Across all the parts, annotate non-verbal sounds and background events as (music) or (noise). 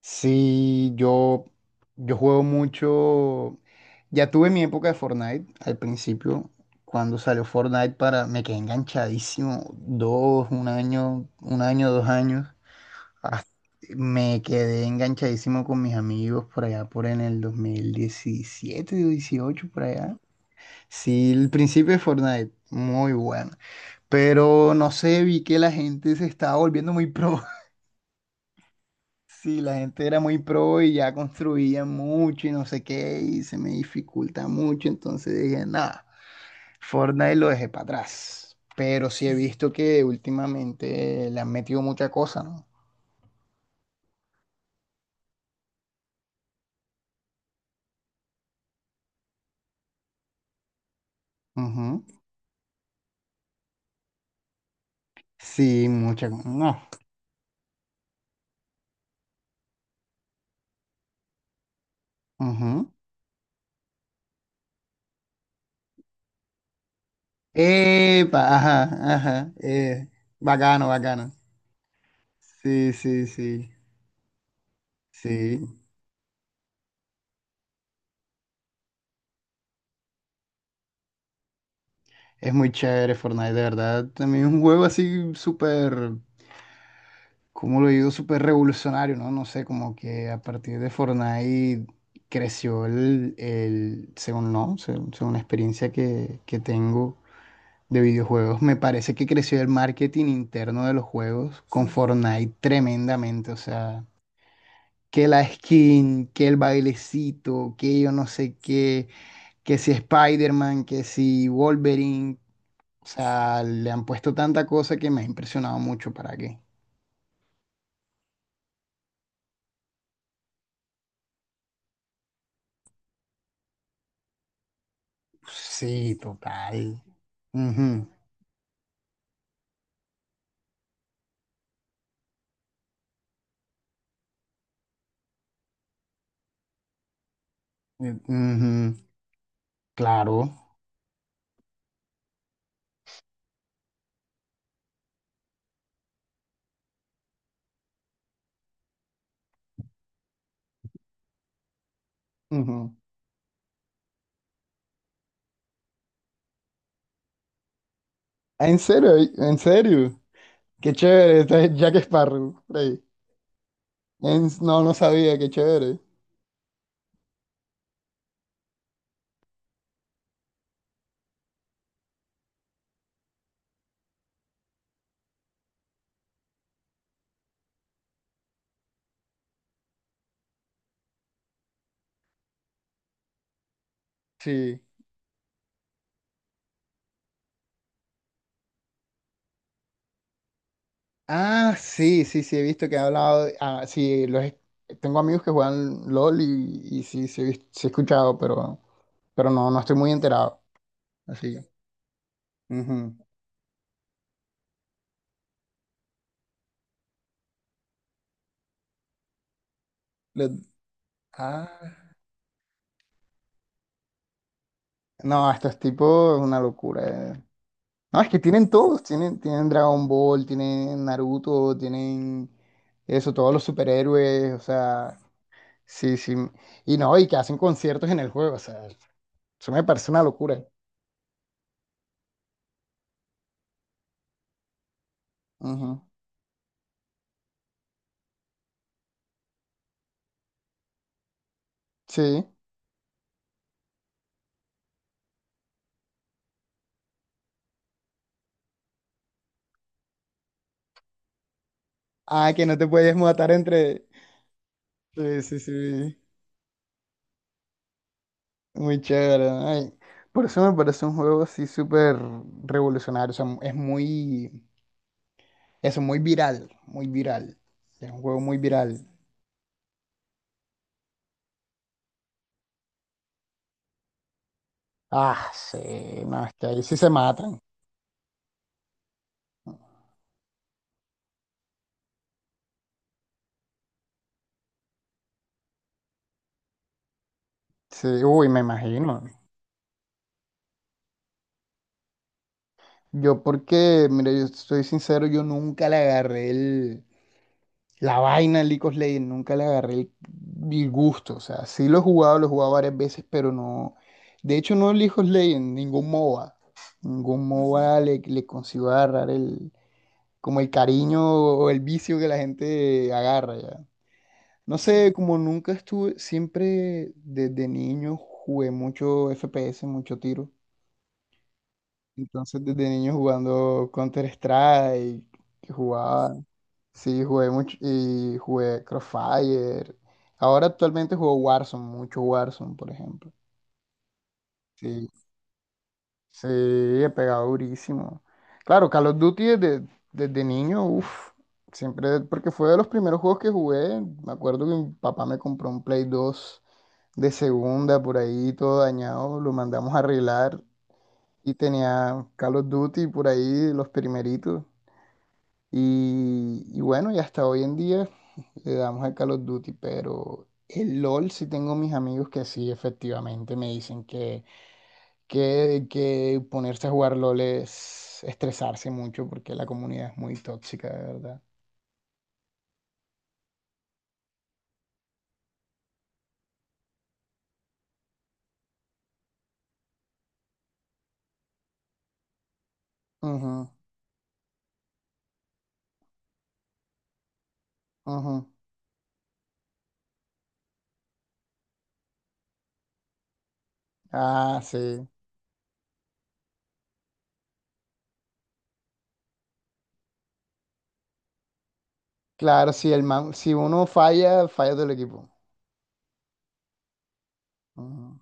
Sí, yo juego mucho. Ya tuve mi época de Fortnite al principio. Cuando salió Fortnite para. Me quedé enganchadísimo. Dos, un año, 2 años. Me quedé enganchadísimo con mis amigos por allá por en el 2017 o dieciocho por allá. Sí, el principio de Fortnite, muy bueno. Pero no sé, vi que la gente se estaba volviendo muy pro. Sí, la gente era muy pro y ya construía mucho y no sé qué, y se me dificulta mucho, entonces dije, nada, Fortnite lo dejé para atrás. Pero sí he visto que últimamente le han metido mucha cosa, ¿no? Ujú. Sí, mucha cosa. No. Ujú. Epa, ajá, ajá. Bacano, bacano. Sí, sí, sí. Sí. Es muy chévere Fortnite, de verdad. También es un juego así súper, como lo digo, súper revolucionario, ¿no? No sé, como que a partir de Fortnite creció el según no, según, según la experiencia que tengo de videojuegos, me parece que creció el marketing interno de los juegos con. Sí. Fortnite tremendamente, o sea, que la skin, que el bailecito, que yo no sé qué, que si Spider-Man, que si Wolverine, o sea, le han puesto tanta cosa que me ha impresionado mucho, ¿para qué? Sí, total. Ujú, ujú, claro. Ujú. Ah, ¿en serio? ¿En serio? Qué chévere, este es Jack Sparrow. Rey. No, no sabía, qué chévere. Sí. Ah, sí, sí, sí, he visto que ha hablado. Ah, sí, tengo amigos que juegan LOL y, y sí he escuchado, pero, pero no, estoy muy enterado. Así. Que. Ujú. Lo- ah, no, estos tipos es una locura. No, es que tienen Dragon Ball, tienen Naruto, tienen eso, todos los superhéroes, o sea, sí, sí. Y no, y que hacen conciertos en el juego, o sea, eso me parece una locura. Ujú, sí. Ah, que no te puedes matar entre... Sí, sí, sí. Muy chévere. Ay. Por eso me parece un juego así súper revolucionario, o sea, es muy... Eso, muy viral, muy viral. Es un juego muy viral. Ah, sí, no, es que ahí sí se matan. Sí, uy, me imagino. Yo porque, mira, yo soy sincero, yo nunca le agarré el, la vaina al League of Legends, nunca le agarré el gusto. O sea, sí lo he jugado varias veces, pero no. De hecho, no el League of Legends, ningún MOBA. Ningún, ujú, MOBA le consigo agarrar como el cariño o el vicio que la gente agarra ya. No sé, como nunca estuve, siempre desde niño jugué mucho FPS, mucho tiro. Entonces, desde niño jugando Counter-Strike, que jugaba, sí, jugué mucho y jugué Crossfire. Ahora actualmente juego Warzone, mucho Warzone, por ejemplo. Sí, sí, he pegado durísimo. Claro, Call of Duty desde niño, uff, siempre, porque fue de los primeros juegos que jugué. Me acuerdo que mi papá me compró un Play 2 de segunda, por ahí todo dañado, lo mandamos a arreglar y tenía Call of Duty por ahí, los primeritos. Y bueno, y hasta hoy en día le damos al Call of Duty, pero el LOL sí tengo mis amigos que sí, efectivamente, me dicen que ponerse a jugar LOL es estresarse mucho porque la comunidad es muy tóxica, de verdad. Ujú, ujú. Ah, sí. Claro, si uno falla, falla todo el equipo. Ujú.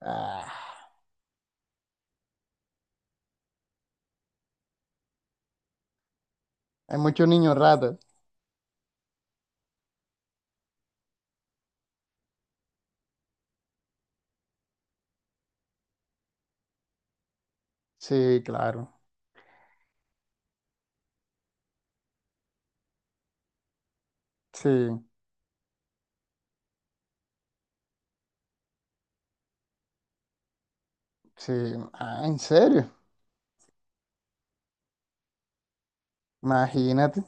Ah, hay muchos niños ratas. Sí, claro. Sí, sí. Ah, en serio. Imagínate.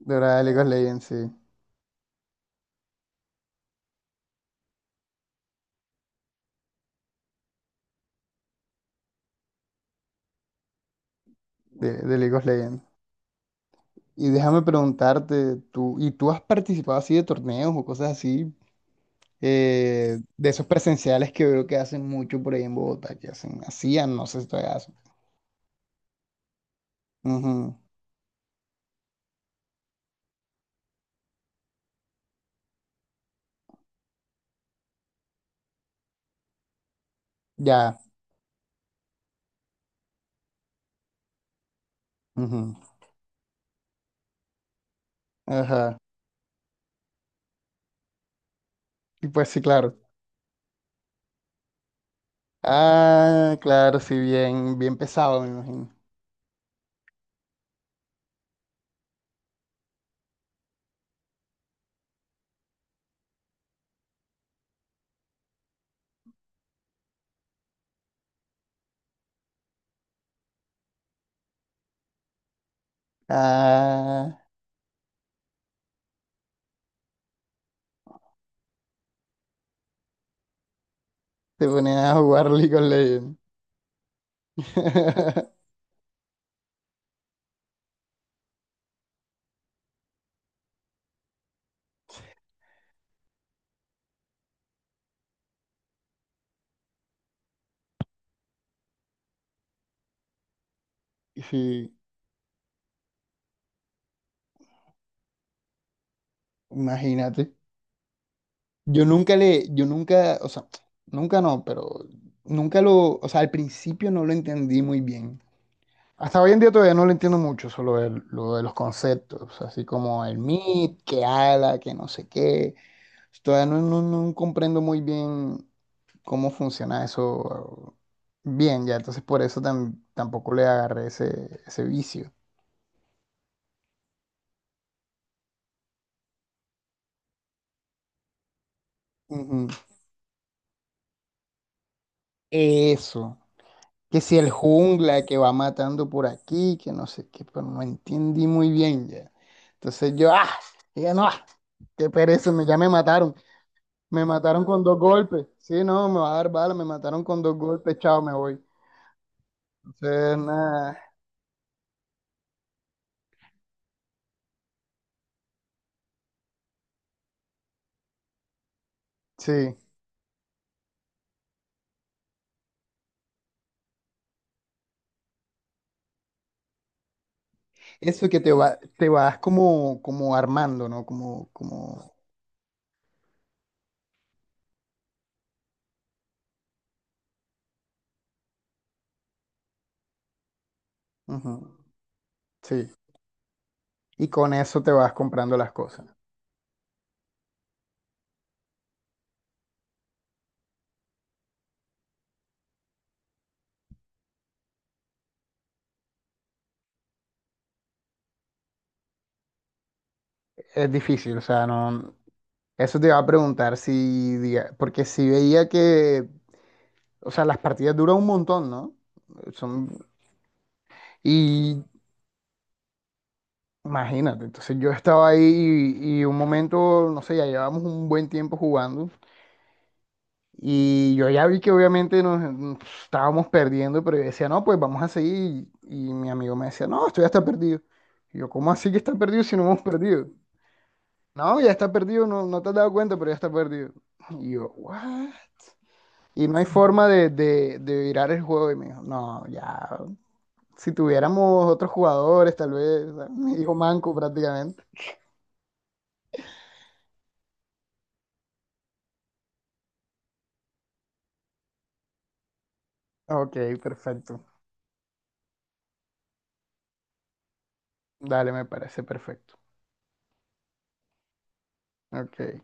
De verdad, de League of Legends, sí. De League of Legends. Y déjame preguntarte, tú, ¿y tú has participado así de torneos o cosas así? De esos presenciales que veo que hacen mucho por ahí en Bogotá, que hacen, hacían, no sé si todavía hacen. Ujú, ya. Ujú, ajá. Y pues sí, claro. Ah, claro, sí, bien, bien pesado, me imagino. Ah, te ponían a jugar League of Legends. (laughs) Sí, imagínate. Yo nunca, o sea, nunca no, pero nunca lo, o sea, al principio no lo entendí muy bien. Hasta hoy en día todavía no lo entiendo mucho, solo lo de los conceptos, así como el MIT, que ala, que no sé qué. Todavía no comprendo muy bien cómo funciona eso bien, ya, entonces por eso tampoco le agarré ese vicio. Ujú. Eso. Que si el jungla que va matando por aquí, que no sé qué, pero no entendí muy bien ya. Entonces yo, ah, ya no, ah, qué pereza, ya me mataron. Me mataron con dos golpes. Sí, no, me va a dar bala, me mataron con dos golpes, chao, me voy. Entonces, nada, sí. Eso que te vas como, armando, ¿no? Como, ujú, sí. Y con eso te vas comprando las cosas. Es difícil, o sea, no. Eso te iba a preguntar si, porque si veía que. O sea, las partidas duran un montón, ¿no? Son, y imagínate, entonces yo estaba ahí y un momento, no sé, ya llevábamos un buen tiempo jugando y yo ya vi que obviamente nos estábamos perdiendo, pero yo decía, no, pues vamos a seguir y, mi amigo me decía, no, esto ya está perdido. Y yo, ¿cómo así que está perdido si no hemos perdido? No, ya está perdido, no, no te has dado cuenta, pero ya está perdido. Y yo, ¿what? Y no hay forma de virar el juego. Y me dijo, no, ya, si tuviéramos otros jugadores, tal vez, o sea, (laughs) mi hijo manco prácticamente. Ok, perfecto. Dale, me parece perfecto. Ok.